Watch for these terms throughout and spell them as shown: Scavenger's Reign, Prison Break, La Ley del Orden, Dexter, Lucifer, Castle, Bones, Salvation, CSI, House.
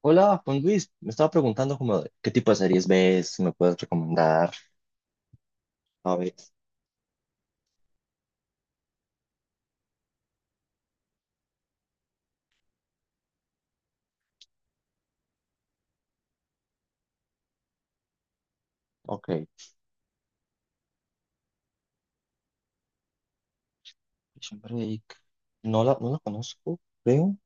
Hola, Juan Luis. Me estaba preguntando como de qué tipo de series ves, si me puedes recomendar. A ver, ok. Prison Break. No la conozco, creo.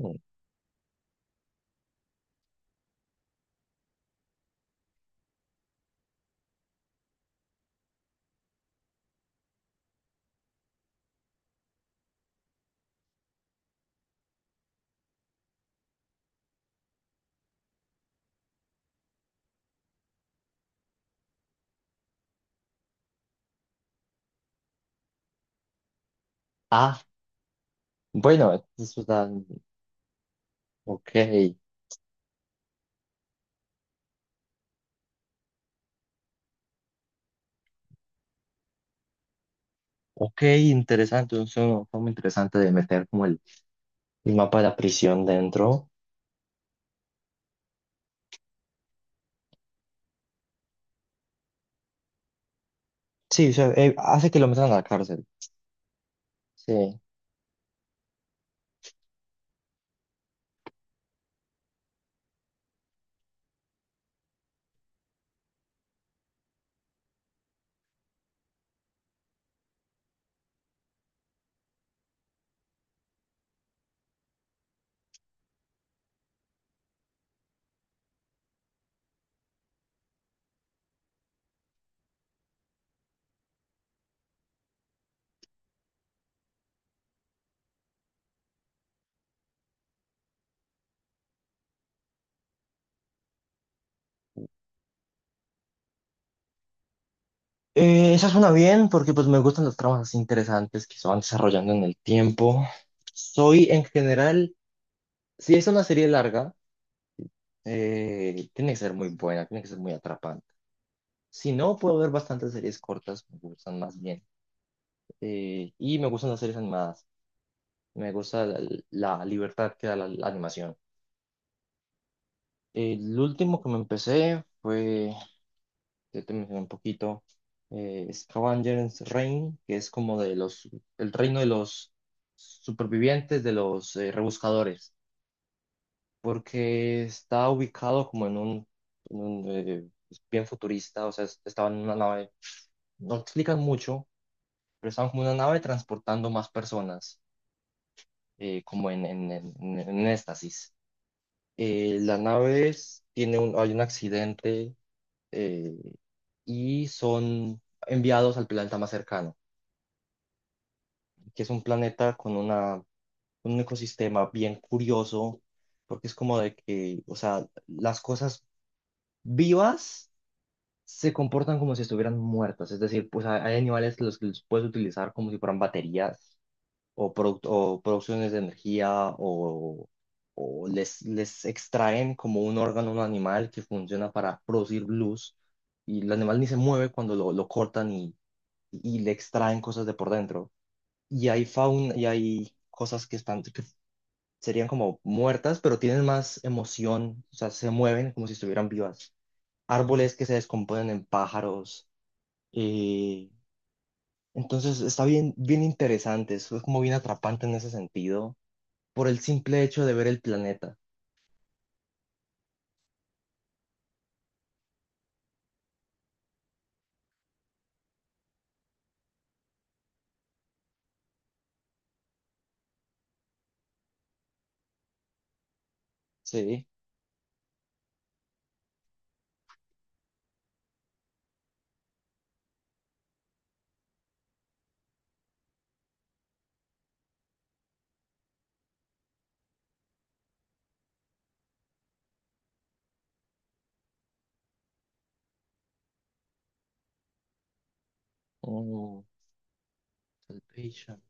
Mm. Ah, bueno, es verdad. Ok, ok, interesante. Es una forma interesante de meter como el mapa de la prisión dentro. Sí, o sea, hace que lo metan a la cárcel. Sí. Esa suena bien porque pues me gustan las tramas así interesantes que se van desarrollando en el tiempo. Soy en general, si es una serie larga. Tiene que ser muy buena, tiene que ser muy atrapante. Si no, puedo ver bastantes series cortas, me gustan más bien. Y me gustan las series animadas, me gusta la, la libertad que da la, la animación. El último que me empecé fue, ya te mencioné un poquito, Scavenger's Reign, que es como de los, el reino de los supervivientes, de los rebuscadores, porque está ubicado como en un, bien futurista, o sea, estaba en una nave no explican mucho, pero están como una nave transportando más personas, como en éxtasis. La nave tiene un, hay un accidente eh, y son enviados al planeta más cercano, que es un planeta con una, un ecosistema bien curioso, porque es como de que, o sea, las cosas vivas se comportan como si estuvieran muertas, es decir, pues hay animales los que los puedes utilizar como si fueran baterías o, o producciones de energía o les extraen como un órgano a un animal que funciona para producir luz y el animal ni se mueve cuando lo cortan y le extraen cosas de por dentro. Y hay fauna y hay cosas que están, que serían como muertas, pero tienen más emoción, o sea, se mueven como si estuvieran vivas. Árboles que se descomponen en pájaros. eh, entonces está bien, bien interesante, es como bien atrapante en ese sentido por el simple hecho de ver el planeta. Sí. Oh, Salvation.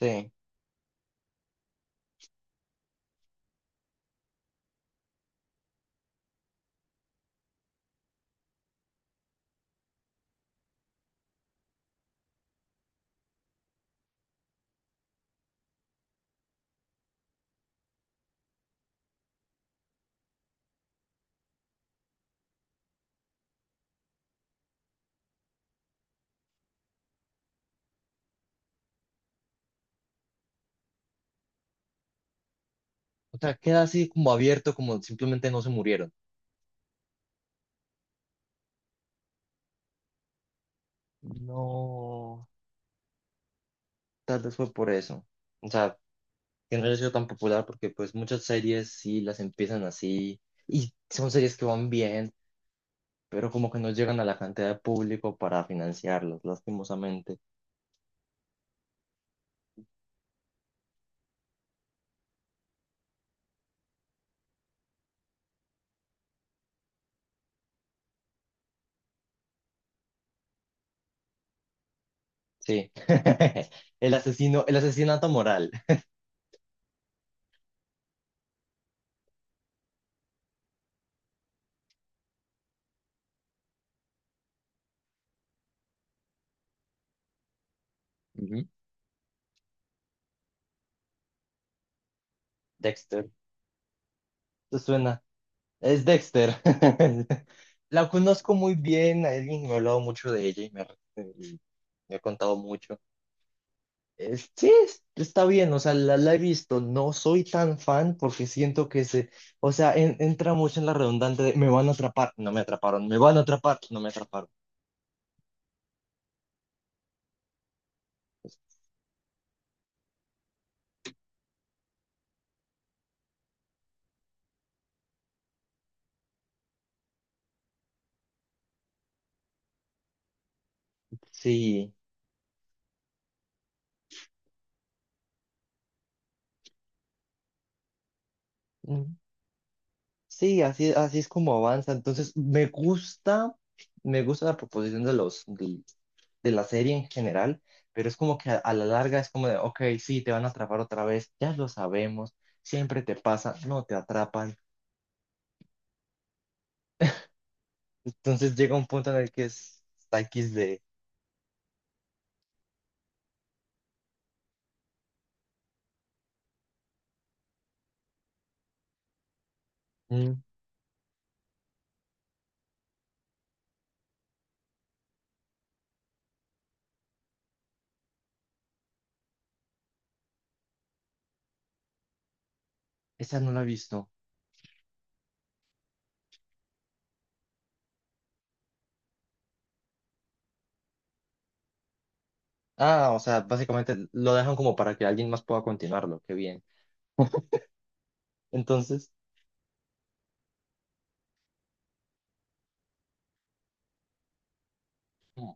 Sí. O sea, queda así como abierto, como simplemente no se murieron. No, tal vez fue por eso. O sea, que no haya sido tan popular porque pues muchas series sí las empiezan así y son series que van bien, pero como que no llegan a la cantidad de público para financiarlas, lastimosamente. Sí. El asesino, el asesinato moral. Ujú. Dexter. ¿Te suena? Es Dexter. La conozco muy bien, alguien me ha hablado mucho de ella y me ha contado mucho. Sí, está bien, o sea, la he visto. No soy tan fan porque siento que se, o sea, entra mucho en la redundante de me van a atrapar, no me atraparon, me van a atrapar, no me atraparon. Sí. Sí, así, así es como avanza. Entonces, me gusta la proposición de los, de la serie en general, pero es como que a la larga es como de, ok, sí, te van a atrapar otra vez, ya lo sabemos, siempre te pasa, no te atrapan. Entonces llega un punto en el que es está X de, mm, esa no la he visto. Ah, o sea, básicamente lo dejan como para que alguien más pueda continuarlo, qué bien. Entonces... mm,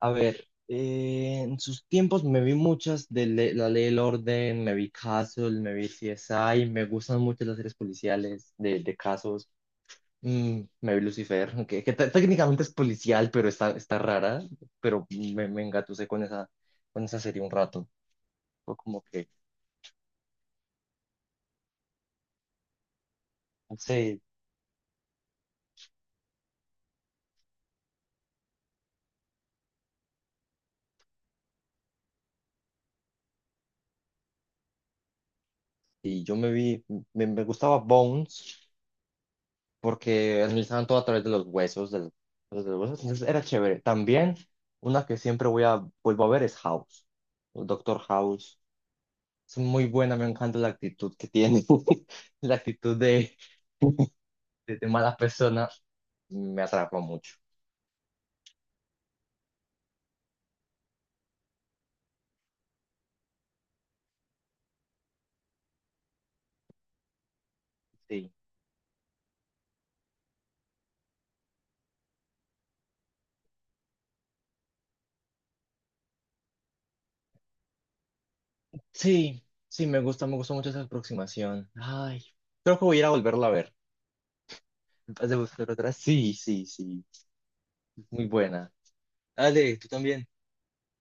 a ver, en sus tiempos me vi muchas de La Ley del Orden, me vi Castle, me vi CSI, me gustan mucho las series policiales de casos. Mm, me vi Lucifer, técnicamente es policial, pero está, está rara, pero me engatusé con esa serie un rato. Fue como que, no sé, y yo me vi, me gustaba Bones, porque analizaban todo a través de los huesos, entonces era chévere. También una que siempre voy a, vuelvo a ver es House, el Doctor House. Es muy buena, me encanta la actitud que tiene, la actitud de mala persona, me atrapa mucho. Sí. Sí, sí, me gusta mucho esa aproximación. Ay, creo que voy a ir a volverla a ver. ¿Vas de buscar otra? Sí, sí, sí, muy buena. Dale, tú también.